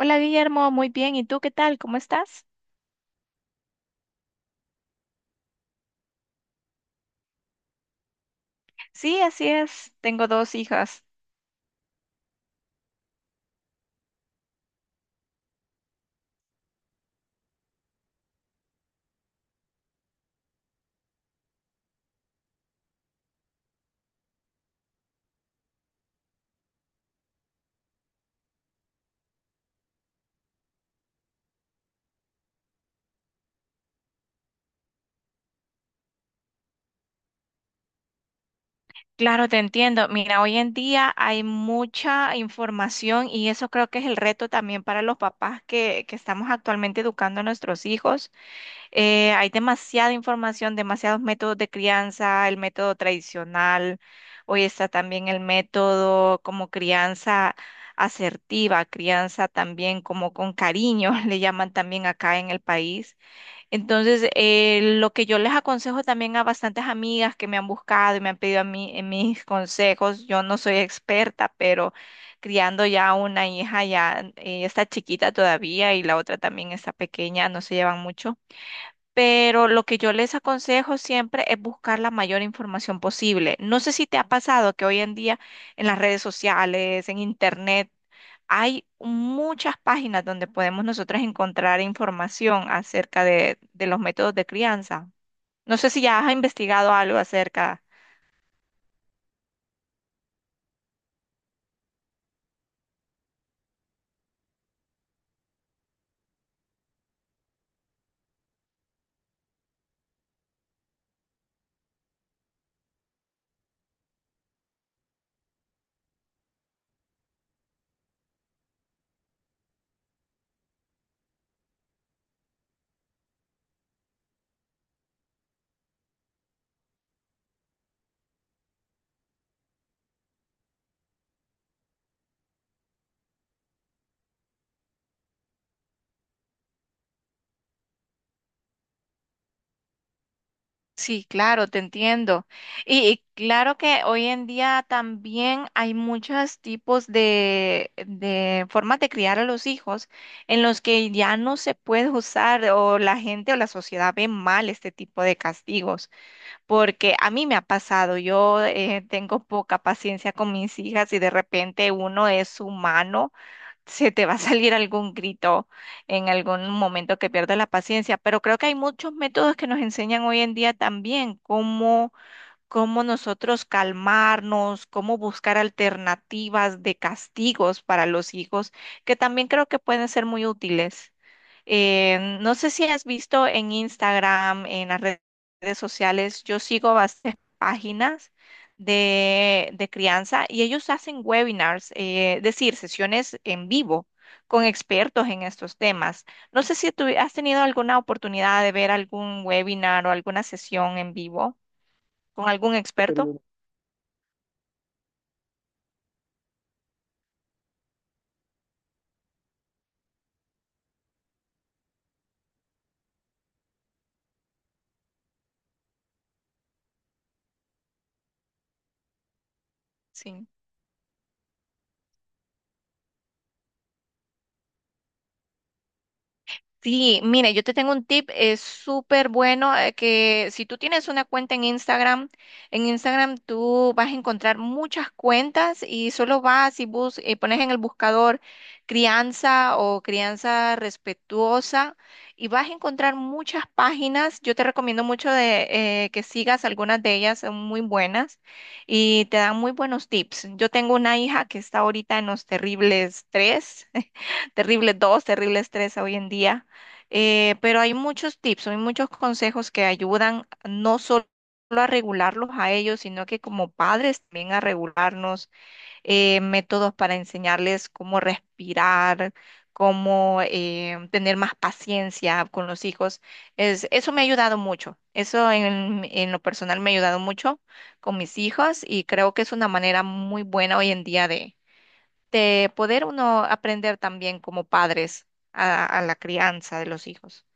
Hola Guillermo, muy bien. ¿Y tú qué tal? ¿Cómo estás? Sí, así es. Tengo dos hijas. Claro, te entiendo. Mira, hoy en día hay mucha información y eso creo que es el reto también para los papás que estamos actualmente educando a nuestros hijos. Hay demasiada información, demasiados métodos de crianza, el método tradicional. Hoy está también el método como crianza asertiva, crianza también como con cariño, le llaman también acá en el país. Entonces, lo que yo les aconsejo también a bastantes amigas que me han buscado y me han pedido a mí, mis consejos, yo no soy experta, pero criando ya una hija, ya está chiquita todavía y la otra también está pequeña, no se llevan mucho. Pero lo que yo les aconsejo siempre es buscar la mayor información posible. No sé si te ha pasado que hoy en día en las redes sociales, en internet, hay muchas páginas donde podemos nosotras encontrar información acerca de los métodos de crianza. No sé si ya has investigado algo acerca. Sí, claro, te entiendo. Y claro que hoy en día también hay muchos tipos de formas de criar a los hijos en los que ya no se puede usar o la gente o la sociedad ve mal este tipo de castigos. Porque a mí me ha pasado, yo tengo poca paciencia con mis hijas y de repente uno es humano, se te va a salir algún grito en algún momento que pierdas la paciencia, pero creo que hay muchos métodos que nos enseñan hoy en día también cómo nosotros calmarnos, cómo buscar alternativas de castigos para los hijos, que también creo que pueden ser muy útiles. No sé si has visto en Instagram, en las redes sociales, yo sigo bastantes páginas de crianza y ellos hacen webinars, es decir, sesiones en vivo con expertos en estos temas. No sé si tú has tenido alguna oportunidad de ver algún webinar o alguna sesión en vivo. ¿Con algún experto? Pero sí. Sí, mire, yo te tengo un tip, es súper bueno, que si tú tienes una cuenta en Instagram tú vas a encontrar muchas cuentas y solo vas y bus pones en el buscador crianza o crianza respetuosa y vas a encontrar muchas páginas. Yo te recomiendo mucho de que sigas algunas de ellas, son muy buenas y te dan muy buenos tips. Yo tengo una hija que está ahorita en los terribles tres, terribles dos, terribles tres hoy en día, pero hay muchos tips, hay muchos consejos que ayudan no solo a regularlos a ellos, sino que como padres también a regularnos, métodos para enseñarles cómo respirar, cómo tener más paciencia con los hijos. Es, eso me ha ayudado mucho, eso en lo personal me ha ayudado mucho con mis hijos y creo que es una manera muy buena hoy en día de poder uno aprender también como padres a la crianza de los hijos.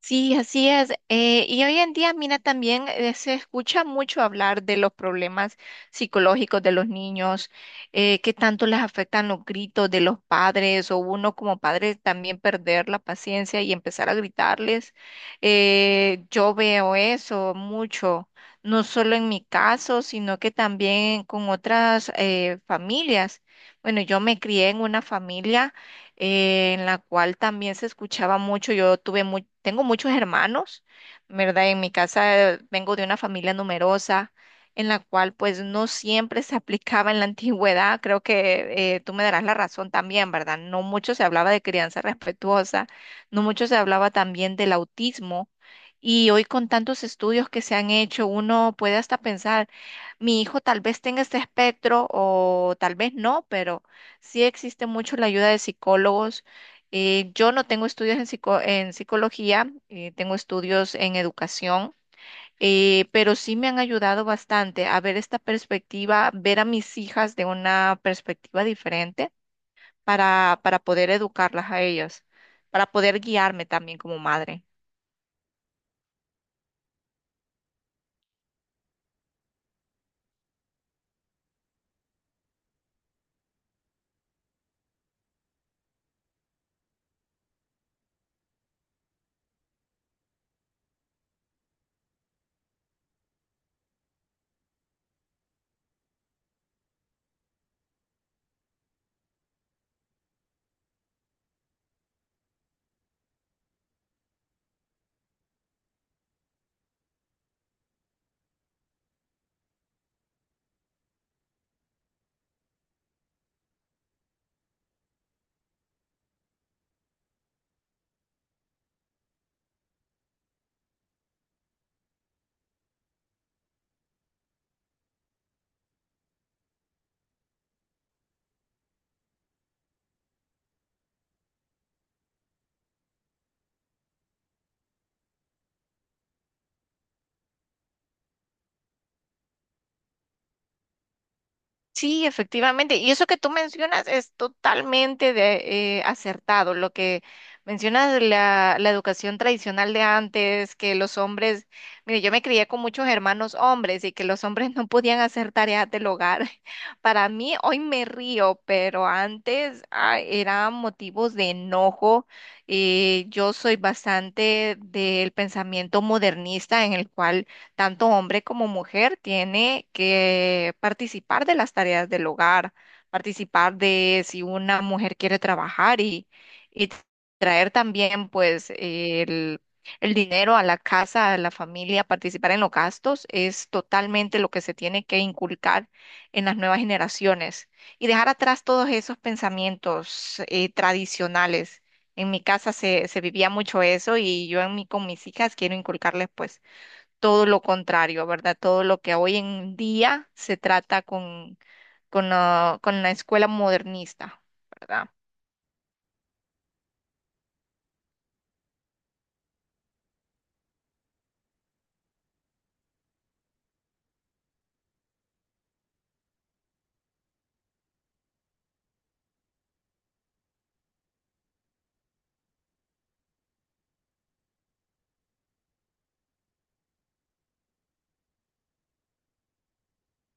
Sí, así es. Y hoy en día, mira, también se escucha mucho hablar de los problemas psicológicos de los niños, que tanto les afectan los gritos de los padres o uno como padre también perder la paciencia y empezar a gritarles. Yo veo eso mucho, no solo en mi caso, sino que también con otras familias. Bueno, yo me crié en una familia en la cual también se escuchaba mucho. Yo tengo muchos hermanos, ¿verdad? En mi casa vengo de una familia numerosa, en la cual pues no siempre se aplicaba en la antigüedad. Creo que tú me darás la razón también, ¿verdad? No mucho se hablaba de crianza respetuosa, no mucho se hablaba también del autismo. Y hoy con tantos estudios que se han hecho, uno puede hasta pensar, mi hijo tal vez tenga este espectro o tal vez no, pero sí existe mucho la ayuda de psicólogos. Yo no tengo estudios en psicología, tengo estudios en educación, pero sí me han ayudado bastante a ver esta perspectiva, ver a mis hijas de una perspectiva diferente para poder educarlas a ellas, para poder guiarme también como madre. Sí, efectivamente. Y eso que tú mencionas es totalmente acertado. Lo que mencionas de la educación tradicional de antes, que los hombres, mire, yo me crié con muchos hermanos hombres y que los hombres no podían hacer tareas del hogar. Para mí, hoy me río, pero antes, ah, eran motivos de enojo. Yo soy bastante del pensamiento modernista en el cual tanto hombre como mujer tiene que participar de las tareas del hogar, participar de si una mujer quiere trabajar y traer también pues el dinero a la casa, a la familia, participar en los gastos, es totalmente lo que se tiene que inculcar en las nuevas generaciones y dejar atrás todos esos pensamientos tradicionales. En mi casa se vivía mucho eso y yo en mi, con mis hijas quiero inculcarles pues todo lo contrario, ¿verdad? Todo lo que hoy en día se trata con la escuela modernista, ¿verdad?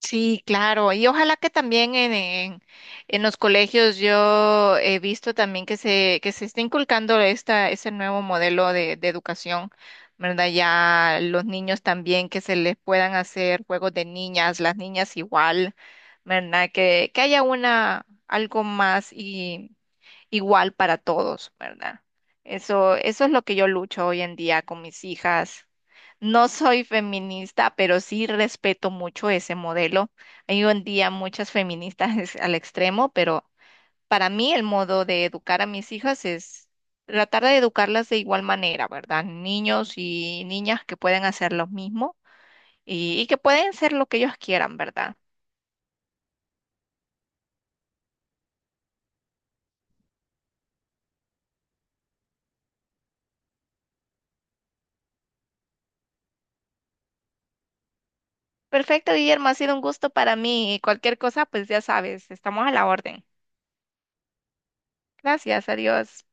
Sí, claro. Y ojalá que también en los colegios yo he visto también que que se está inculcando esta, ese nuevo modelo de educación, ¿verdad? Ya los niños también que se les puedan hacer juegos de niñas, las niñas igual, ¿verdad? Que haya una, algo más y igual para todos, ¿verdad? Eso es lo que yo lucho hoy en día con mis hijas. No soy feminista, pero sí respeto mucho ese modelo. Hay hoy en día muchas feministas, es al extremo, pero para mí el modo de educar a mis hijas es tratar de educarlas de igual manera, ¿verdad? Niños y niñas que pueden hacer lo mismo y que pueden ser lo que ellos quieran, ¿verdad? Perfecto, Guillermo, ha sido un gusto para mí y cualquier cosa, pues ya sabes, estamos a la orden. Gracias, adiós.